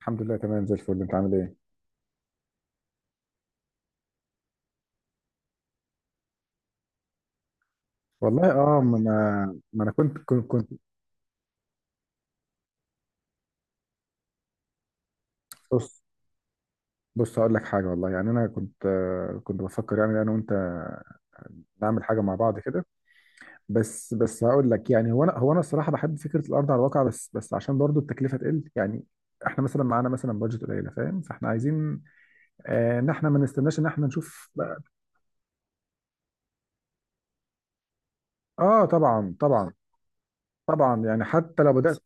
الحمد لله، تمام زي الفل. انت عامل ايه؟ والله اه، ما انا كنت بص، بص، هقول لك حاجه، والله. يعني انا كنت كنت بفكر يعني انا وانت نعمل حاجه مع بعض كده. بس، بس، هقول لك. يعني هو انا الصراحه بحب فكره الارض على الواقع، بس، بس، عشان برضو التكلفه تقل يعني. احنا مثلا معانا مثلا بادجت قليله، فاهم؟ فاحنا عايزين ان احنا ما نستناش، ان احنا نشوف. اه، طبعا، طبعا. طبعا يعني حتى لو بدات.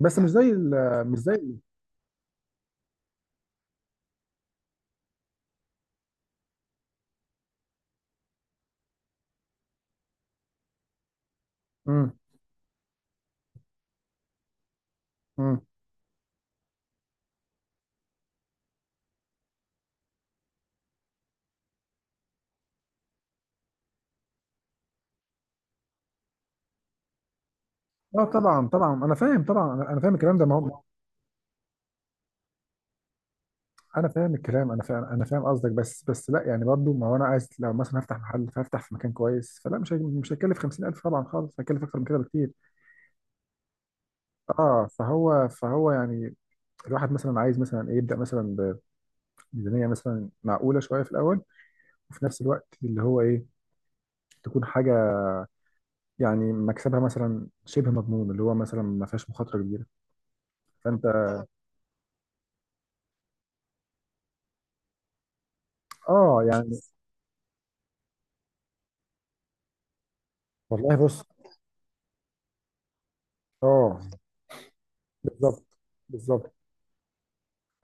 بس مش زي مش زي... امم. امم. اه، طبعا، طبعا، انا فاهم، طبعا. انا فاهم الكلام ده. ما هو انا فاهم الكلام، انا فاهم، انا فاهم قصدك. بس، بس، لا، يعني برضو، ما هو انا عايز لو مثلا هفتح محل فهفتح في مكان كويس. فلا، مش هيكلف 50000 طبعا خالص، هيكلف اكتر من كده بكتير. اه، فهو يعني الواحد مثلا عايز مثلا ايه يبدا مثلا بميزانيه مثلا معقوله شويه في الاول، وفي نفس الوقت اللي هو ايه، تكون حاجه يعني مكسبها مثلا شبه مضمون، اللي هو مثلا ما فيهاش مخاطره كبيره. فانت... اه، يعني. والله، بص. اه. بالظبط، بالظبط.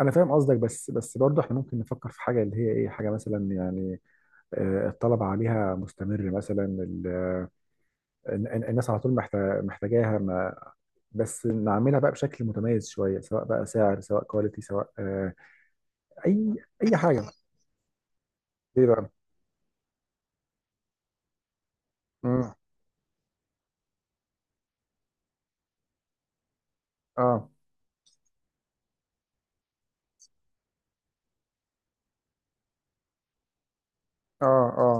انا فاهم قصدك، بس، بس، برضه احنا ممكن نفكر في حاجه اللي هي ايه، حاجه مثلا يعني الطلب عليها مستمر مثلا. الناس على طول محتاجاها، ما بس نعملها بقى بشكل متميز شويه، سواء بقى سعر، سواء كواليتي، سواء اي اي حاجه. ايه بقى؟ مم. اه، اه. اه،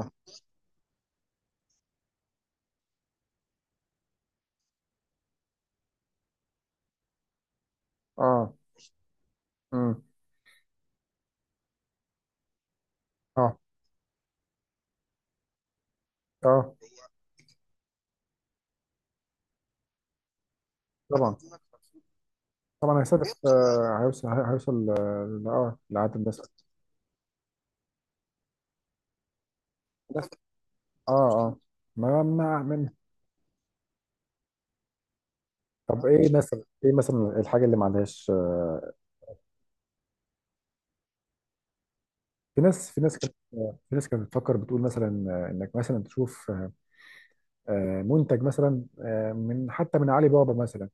اه. مم. اه، اه، طبعا، طبعا، هيستهدف، هيوصل، هيوصل، اه، لعدد الناس. بس، اه، اه، ما طب ايه مثلا، ايه مثلا الحاجه اللي ما عندهاش في ناس، في ناس كانت في ناس كانت بتفكر بتقول مثلا انك مثلا تشوف منتج مثلا من حتى من علي بابا مثلا.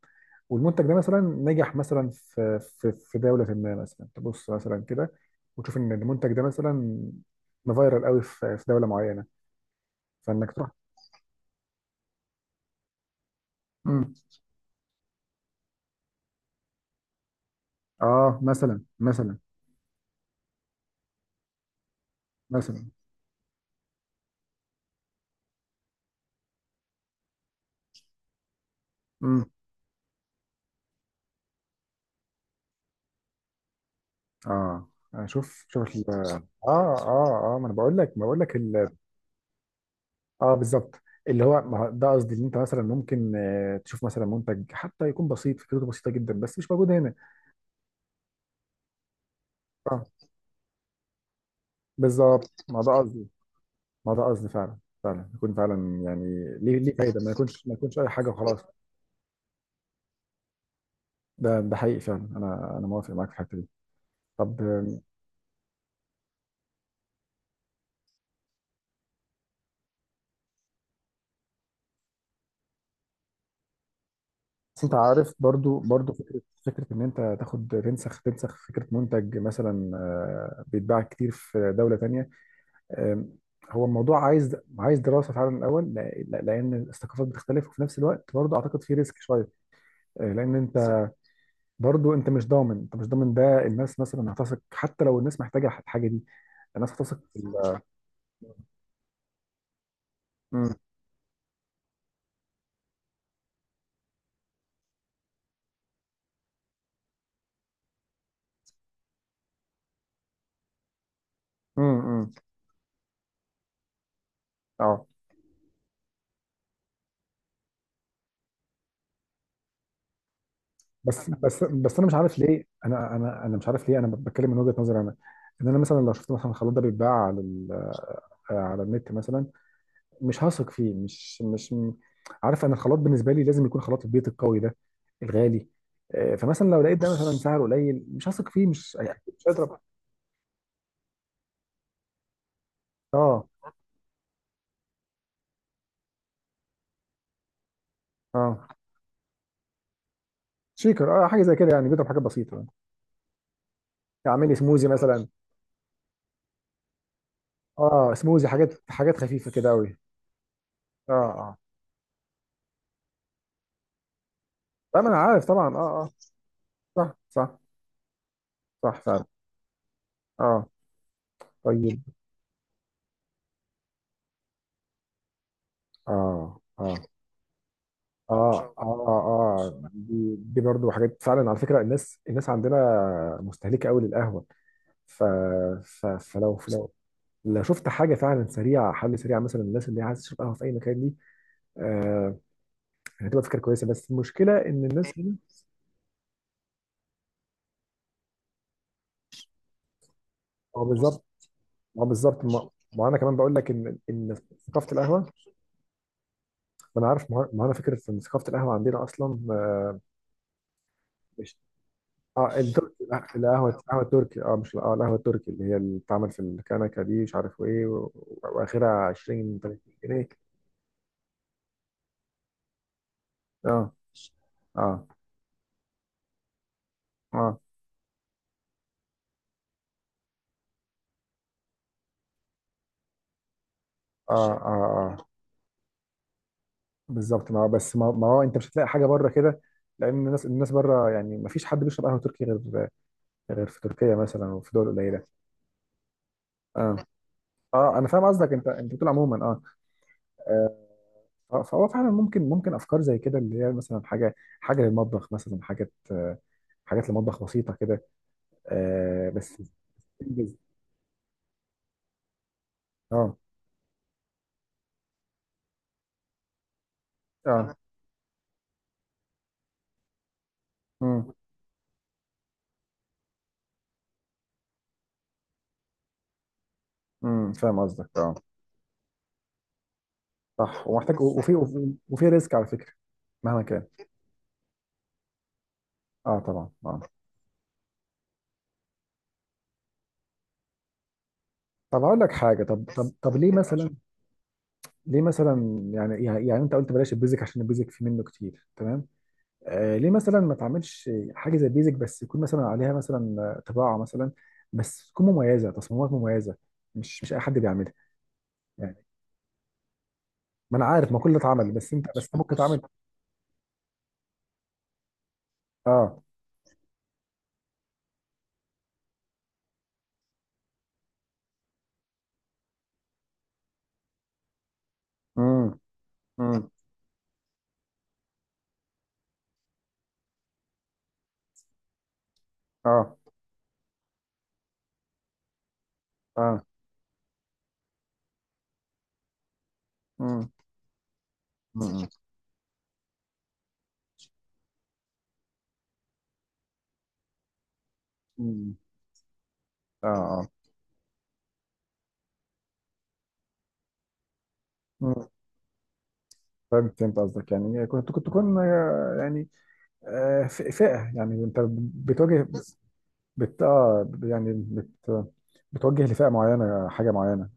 والمنتج ده مثلا نجح مثلا في في في دوله ما، مثلا تبص مثلا كده وتشوف ان المنتج ده مثلا مفيرال قوي في في دوله معينه، فانك تروح. امم. اه، مثلا، مثلا، مثلا. امم. اه، شوف، شوف اه، اه، ما انا بقول لك، ما بقول لك. اه، بالظبط. اللي هو ما هو ده قصدي، اللي انت مثلا ممكن تشوف مثلا منتج حتى يكون بسيط، فكرته بسيطه جدا بس مش موجود هنا. اه، بالظبط، ما ده قصدي، ما ده قصدي فعلا، فعلا يكون فعلا يعني. ليه، ليه فايده ما يكونش، ما يكونش اي حاجه وخلاص. ده، ده حقيقي فعلا، انا موافق معاك في الحته دي. طب بس انت عارف، برضو، برضو، فكره، فكره ان انت تاخد تنسخ، تنسخ فكره منتج مثلا بيتباع كتير في دوله تانيه. أم، هو الموضوع عايز، عايز دراسه فعلا الاول، لان الثقافات بتختلف، وفي نفس الوقت برضه اعتقد في ريسك شويه. لان صح انت، برضه انت مش ضامن، انت مش ضامن ده الناس مثلا هتثق حتى لو الناس محتاجه الحاجه دي. الناس هتثق في صح مم، مم. اه، بس، بس، بس، انا مش عارف ليه، انا مش عارف ليه، انا بتكلم من وجهه نظري انا. ان انا مثلا لو شفت مثلا الخلاط ده بيتباع على على النت مثلا، مش هثق فيه، مش مش م- عارف انا الخلاط بالنسبه لي لازم يكون خلاط البيت القوي ده الغالي. فمثلا لو لقيت ده مثلا، بص سعره قليل، مش هثق فيه، مش، مش هيضرب. اه، اه، شيكر، اه، حاجه زي كده يعني، بيضرب حاجه بسيطه يعني. اعمل لي سموزي مثلا. اه، سموزي، حاجات، حاجات خفيفه كده قوي. اه، اه، طبعا انا عارف، طبعا، اه، اه. صح، صح. صح فعلا. اه. طيب. اه، اه. اه، اه. اه، دي، دي برضه حاجات، فعلا على فكره، الناس، الناس عندنا مستهلكه قوي للقهوه. ف... فلو، لو، لو شفت حاجه فعلا سريعه، حل سريع مثلا، الناس اللي عايزه تشرب قهوه في اي مكان دي، آه، هتبقى فكره كويسه. بس المشكله ان الناس هنا... اه، بالظبط. اه، بالظبط، ما، ما انا كمان بقول لك ان ثقافه القهوه... ما انا عارف، ما انا فكره ان ثقافه القهوه عندنا اصلا مش... اه، التركي، لا، القهوه، القهوه التركي، اه، مش، اه، القهوه التركي اللي هي اللي بتتعمل في الكنكه دي، مش عارف ايه واخرها 20 30 جنيه. اه، اه، اه، اه، اه، آه. بالظبط، ما بس، ما، ما هو انت مش هتلاقي حاجه بره كده، لان الناس، الناس بره يعني ما فيش حد بيشرب قهوه تركي غير غير في تركيا مثلا وفي دول قليله. اه، اه، انا فاهم قصدك، انت، انت بتقول عموما. اه، فهو فعلا ممكن، ممكن افكار زي كده اللي هي مثلا حاجه، حاجه للمطبخ مثلا، حاجات حاجات للمطبخ بسيطه كده. آه. بس تنجز. اه، اه. امم. امم، فاهم قصدك، اه. صح، ومحتاج، وفي ريسك، على فكره، مهما كان. اه، طبعا، اه. طب هقول لك حاجه. طب ليه مثلا، ليه مثلا يعني، يعني، يعني انت قلت بلاش البيزك عشان البيزك في منه كتير، تمام. آه، ليه مثلا ما تعملش حاجه زي البيزك بس يكون مثلا عليها مثلا طباعه مثلا، بس تكون مميزه، تصميمات مميزه، مش مش اي حد بيعملها، يعني. ما انا عارف، ما كل ده اتعمل، بس انت، بس انت ممكن تعمل... اه. امم، امم. اه، اه. امم، امم. امم. اه، اه. امم. فهمت، فهمت قصدك، يعني، يعني كنت، كنت تكون يعني فئه، يعني انت بتواجه، بت آه، يعني بت، بتوجه لفئة معينة، حاجة معينة.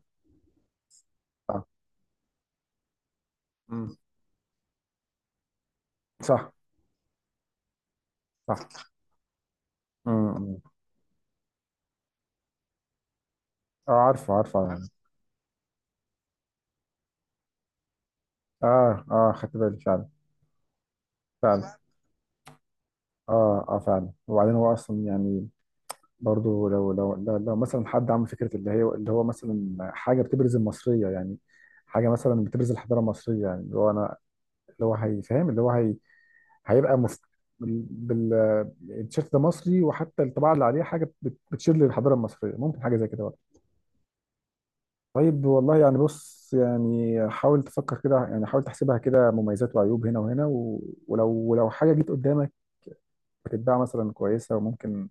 آه. مم. صح. صح. امم. اه، عارفه، عارفه، عارف؟ اه، اه، خدت بالي فعلا. فعلا، اه، اه، فعلا. وبعدين هو اصلا يعني برضو لو، لو، لو، لو مثلا حد عمل فكره اللي هي اللي هو مثلا حاجه بتبرز المصريه، يعني حاجه مثلا بتبرز الحضاره المصريه، يعني اللي هو انا، اللي هو هيفهم، اللي هو هي هيبقى بال بال- التيشيرت ده مصري، وحتى الطباعه اللي عليه حاجه بتشير للحضاره المصريه، ممكن حاجه زي كده. طيب، والله يعني بص، يعني حاول تفكر كده، يعني حاول تحسبها كده مميزات وعيوب هنا وهنا و... ولو، ولو حاجه جيت قدامك بتتباع مثلا كويسه وممكن...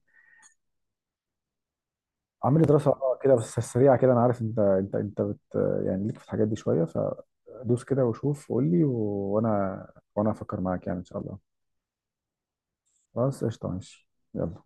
اعمل لي دراسه، اه، كده، بس سريعه كده. انا عارف انت، انت، انت بت، يعني ليك في الحاجات دي شويه، فدوس كده وشوف، قول لي و... وانا، وانا افكر معاك، يعني ان شاء الله. خلاص، قشطه، ماشي. يلا.